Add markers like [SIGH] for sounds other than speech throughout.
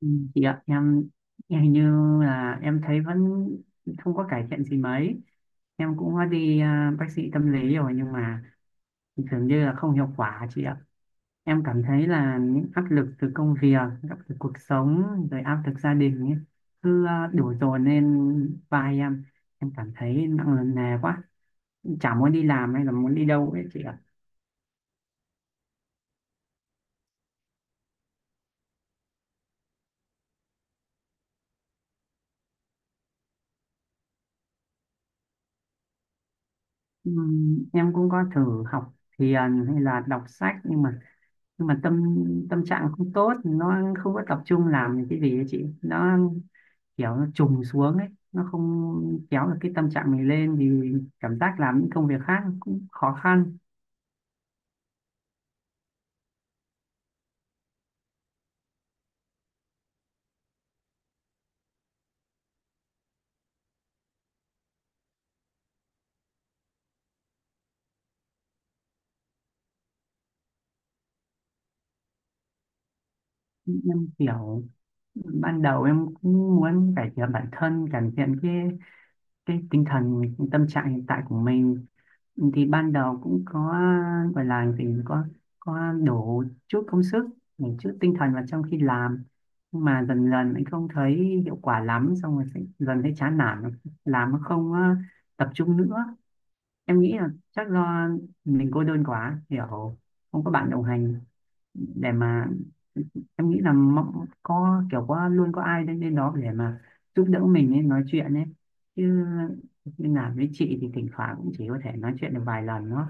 Ừ, chị ạ, em hình như là em thấy vẫn không có cải thiện gì mấy. Em cũng đã đi bác sĩ tâm lý rồi nhưng mà dường như là không hiệu quả chị ạ. Em cảm thấy là những áp lực từ công việc, áp lực cuộc sống, rồi áp lực gia đình ấy, cứ đổ dồn lên vai em. Em cảm thấy nặng nề quá, chả muốn đi làm hay là muốn đi đâu ấy chị ạ. Em cũng có thử học thiền hay là đọc sách, nhưng mà tâm tâm trạng không tốt, nó không có tập trung làm cái gì ấy chị, nó kiểu nó trùng xuống ấy, nó không kéo được cái tâm trạng mình lên thì cảm giác làm những công việc khác cũng khó khăn. Em kiểu ban đầu em cũng muốn cải thiện bản thân, cải thiện cái tinh thần, cái tâm trạng hiện tại của mình, thì ban đầu cũng có gọi là gì, có đổ chút công sức, một chút tinh thần vào trong khi làm, nhưng mà dần dần anh không thấy hiệu quả lắm, xong rồi sẽ dần thấy chán nản, làm nó không tập trung nữa. Em nghĩ là chắc do mình cô đơn quá, hiểu không có bạn đồng hành để mà, em nghĩ là có kiểu có luôn có ai đến đến đó để mà giúp đỡ mình ấy, nói chuyện ấy chứ, như làm với chị thì thỉnh thoảng cũng chỉ có thể nói chuyện được vài lần thôi.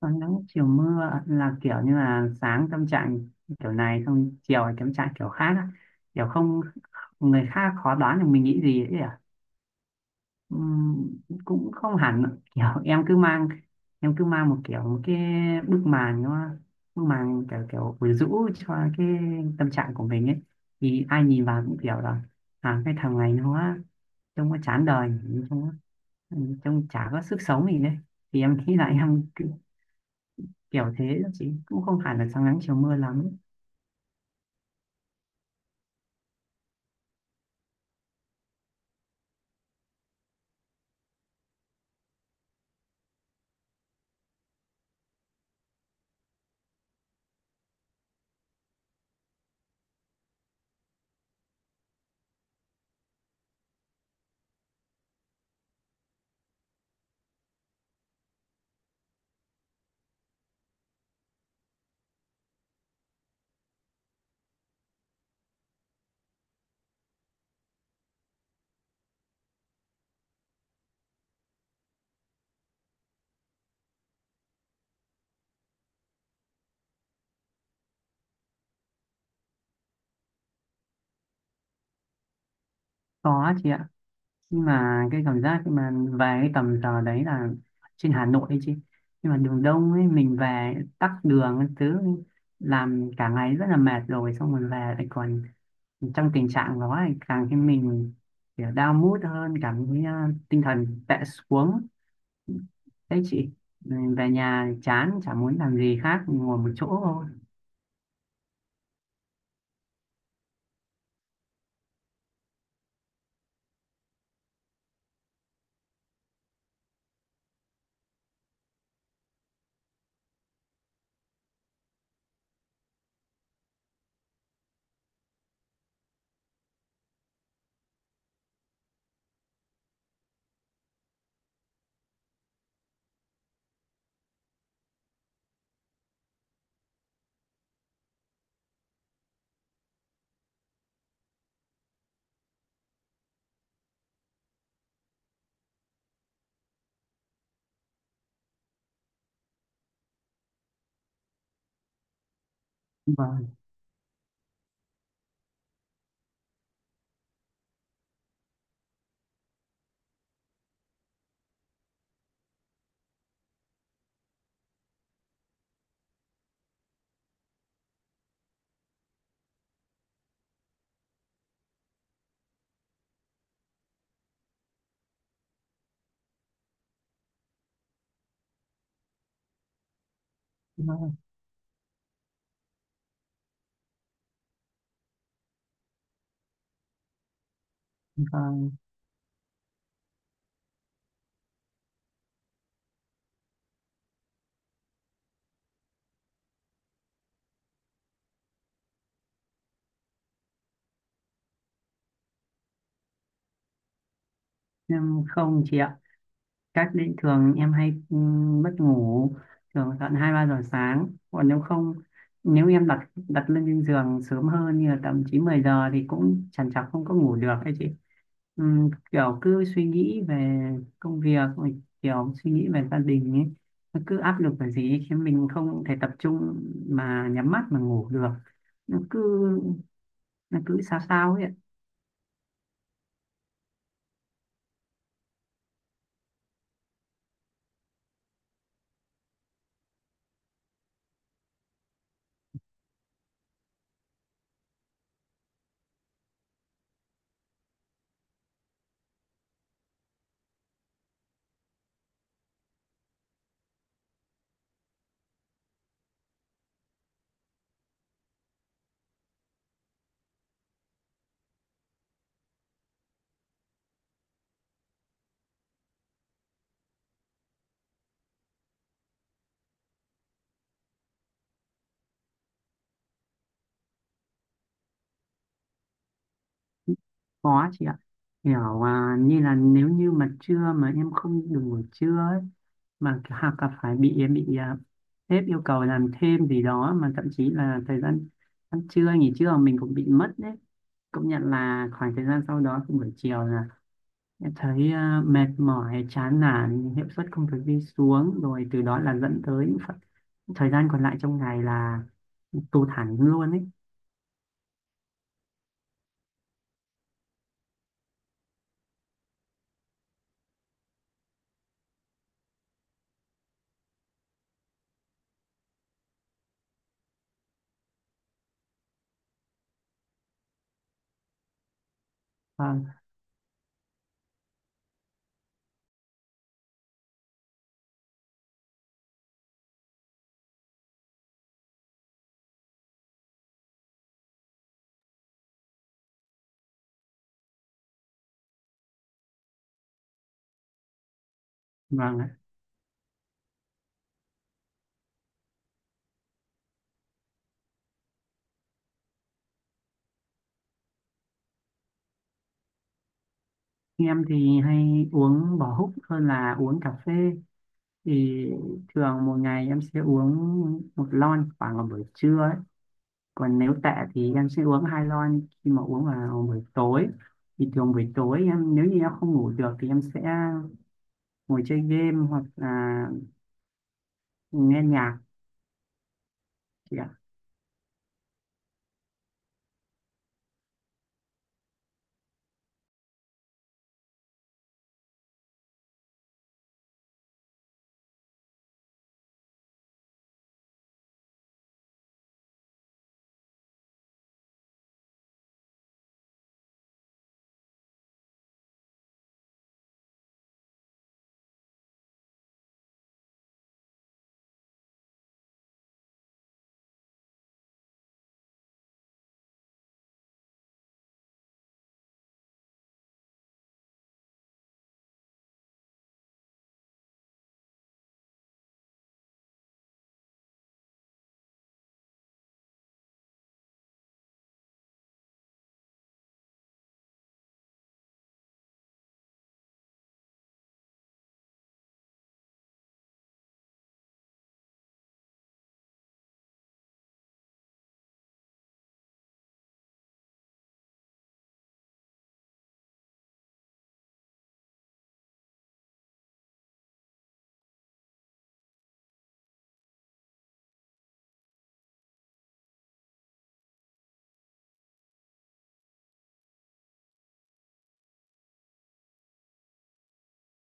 Còn nắng chiều mưa là kiểu như là sáng tâm trạng kiểu này xong chiều là tâm trạng kiểu khác á, kiểu không, người khác khó đoán được mình nghĩ gì ấy. Ừm, cũng không hẳn ạ. Kiểu em cứ mang, một kiểu một cái bức màn, kiểu kiểu quyến rũ cho cái tâm trạng của mình ấy, thì ai nhìn vào cũng kiểu là cái thằng này nó, trông nó chán đời, trông nó- trông chả có sức sống gì đấy, thì em nghĩ là kiểu thế đó chị, cũng không hẳn là sáng nắng chiều mưa lắm. Có chị ạ, nhưng mà cái cảm giác khi mà về cái tầm giờ đấy là, trên Hà Nội ấy chứ, nhưng mà đường đông ấy, mình về tắc đường các thứ, làm cả ngày rất là mệt rồi, xong rồi về lại còn trong tình trạng đó thì càng khiến mình kiểu down mood hơn, cảm thấy tinh thần tệ xuống đấy chị. Ừ, về nhà chán chả muốn làm gì khác, ngồi một chỗ thôi. Vâng vâng vâng Nhưng không chị ạ. Cách đấy thường em hay mất ngủ, thường tận 2, 3 giờ sáng, còn nếu không, nếu em đặt đặt lên trên giường sớm hơn như là tầm 9, 10 giờ thì cũng chẳng chọc không có ngủ được ấy chị. Kiểu cứ suy nghĩ về công việc, rồi kiểu suy nghĩ về gia đình ấy, nó cứ áp lực về gì ấy, khiến mình không thể tập trung mà nhắm mắt mà ngủ được, nó cứ nó cứ sao sao ấy ạ. Có chị ạ. Kiểu như là nếu như mà trưa mà em không được ngủ trưa ấy, mà hoặc là phải bị sếp yêu cầu làm thêm gì đó, mà thậm chí là thời gian ăn trưa nghỉ trưa mình cũng bị mất đấy. Công nhận là khoảng thời gian sau đó thì buổi chiều là em thấy mệt mỏi, chán nản, hiệu suất công việc đi xuống, rồi từ đó là dẫn tới những thời gian còn lại trong ngày là tụt hẳn luôn ấy. Vâng, vâng ạ. Em thì hay uống bò húc hơn là uống cà phê. Thì thường một ngày em sẽ uống một lon, khoảng vào buổi trưa ấy. Còn nếu tệ thì em sẽ uống hai lon, khi mà uống vào buổi tối. Thì thường buổi tối em, nếu như em không ngủ được thì em sẽ ngồi chơi game hoặc là nghe nhạc chị ạ.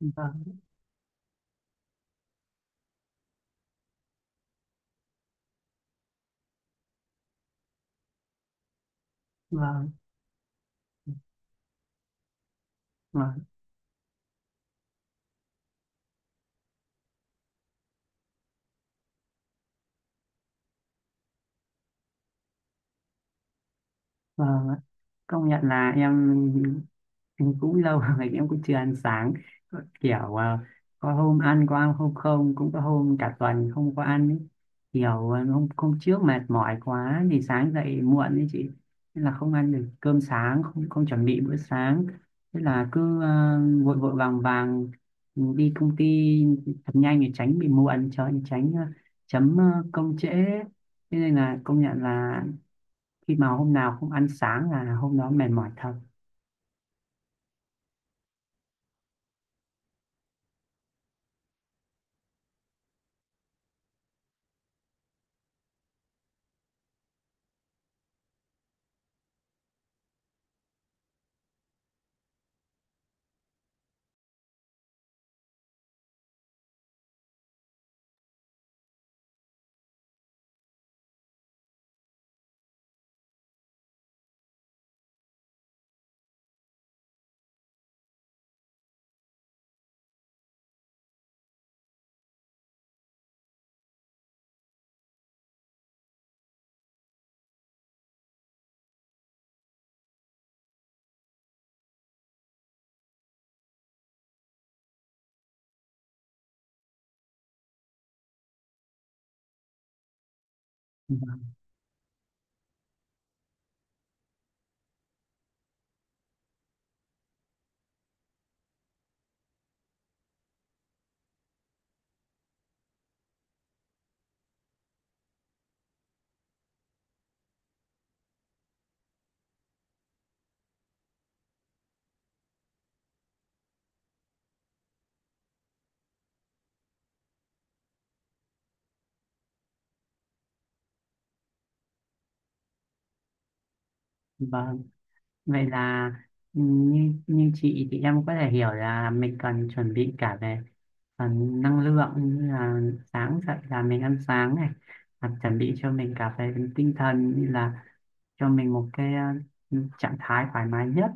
Vâng, vâng, vâng, vâng ạ. Công nhận là em cũng lâu rồi [LAUGHS] em cũng chưa ăn sáng. Có kiểu có ăn hôm không, cũng có hôm cả tuần không có ăn ấy. Kiểu hôm hôm trước mệt mỏi quá thì sáng dậy muộn ấy chị, nên là không ăn được cơm sáng, không không chuẩn bị bữa sáng, thế là cứ vội vội vàng vàng đi công ty thật nhanh để tránh bị muộn, cho tránh chấm công trễ, thế nên là công nhận là khi mà hôm nào không ăn sáng là hôm đó mệt mỏi thật. Vâng. Vâng. Vậy là như như chị, thì em có thể hiểu là mình cần chuẩn bị cả về phần năng lượng, như là sáng dậy là mình ăn sáng này, và chuẩn bị cho mình cả về tinh thần, như là cho mình một cái trạng thái thoải mái nhất.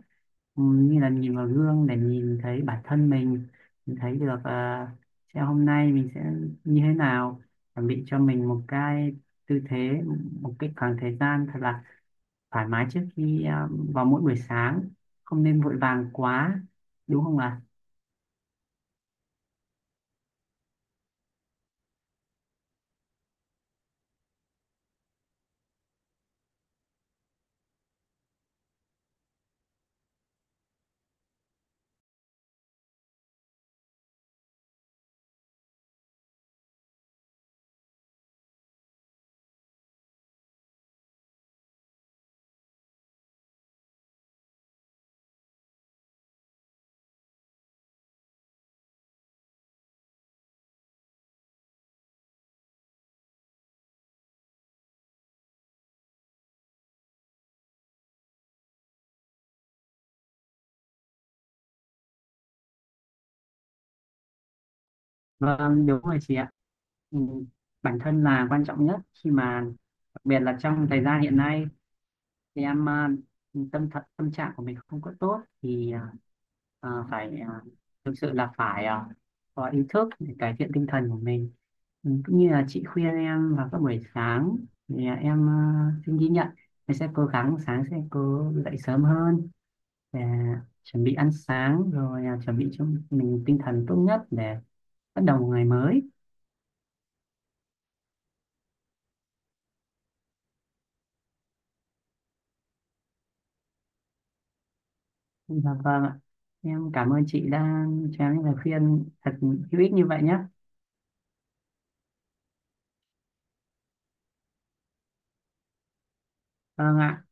Ừ, như là nhìn vào gương để nhìn thấy bản thân mình thấy được sẽ hôm nay mình sẽ như thế nào, chuẩn bị cho mình một cái tư thế, một cái khoảng thời gian thật là thoải mái trước khi vào mỗi buổi sáng, không nên vội vàng quá đúng không ạ? Vâng, đúng rồi chị ạ. Ừ, bản thân là quan trọng nhất, khi mà đặc biệt là trong thời gian hiện nay, thì em thật tâm trạng của mình không có tốt, thì phải thực sự là phải có ý thức để cải thiện tinh thần của mình. Ừ, cũng như là chị khuyên em vào các buổi sáng, thì em xin ghi nhận, em sẽ cố gắng sáng sẽ cố dậy sớm hơn để chuẩn bị ăn sáng, rồi chuẩn bị cho mình tinh thần tốt nhất để bắt đầu một ngày mới. Dạ vâng ạ, em cảm ơn chị đã cho em những lời khuyên thật hữu ích như vậy nhé. Vâng ạ.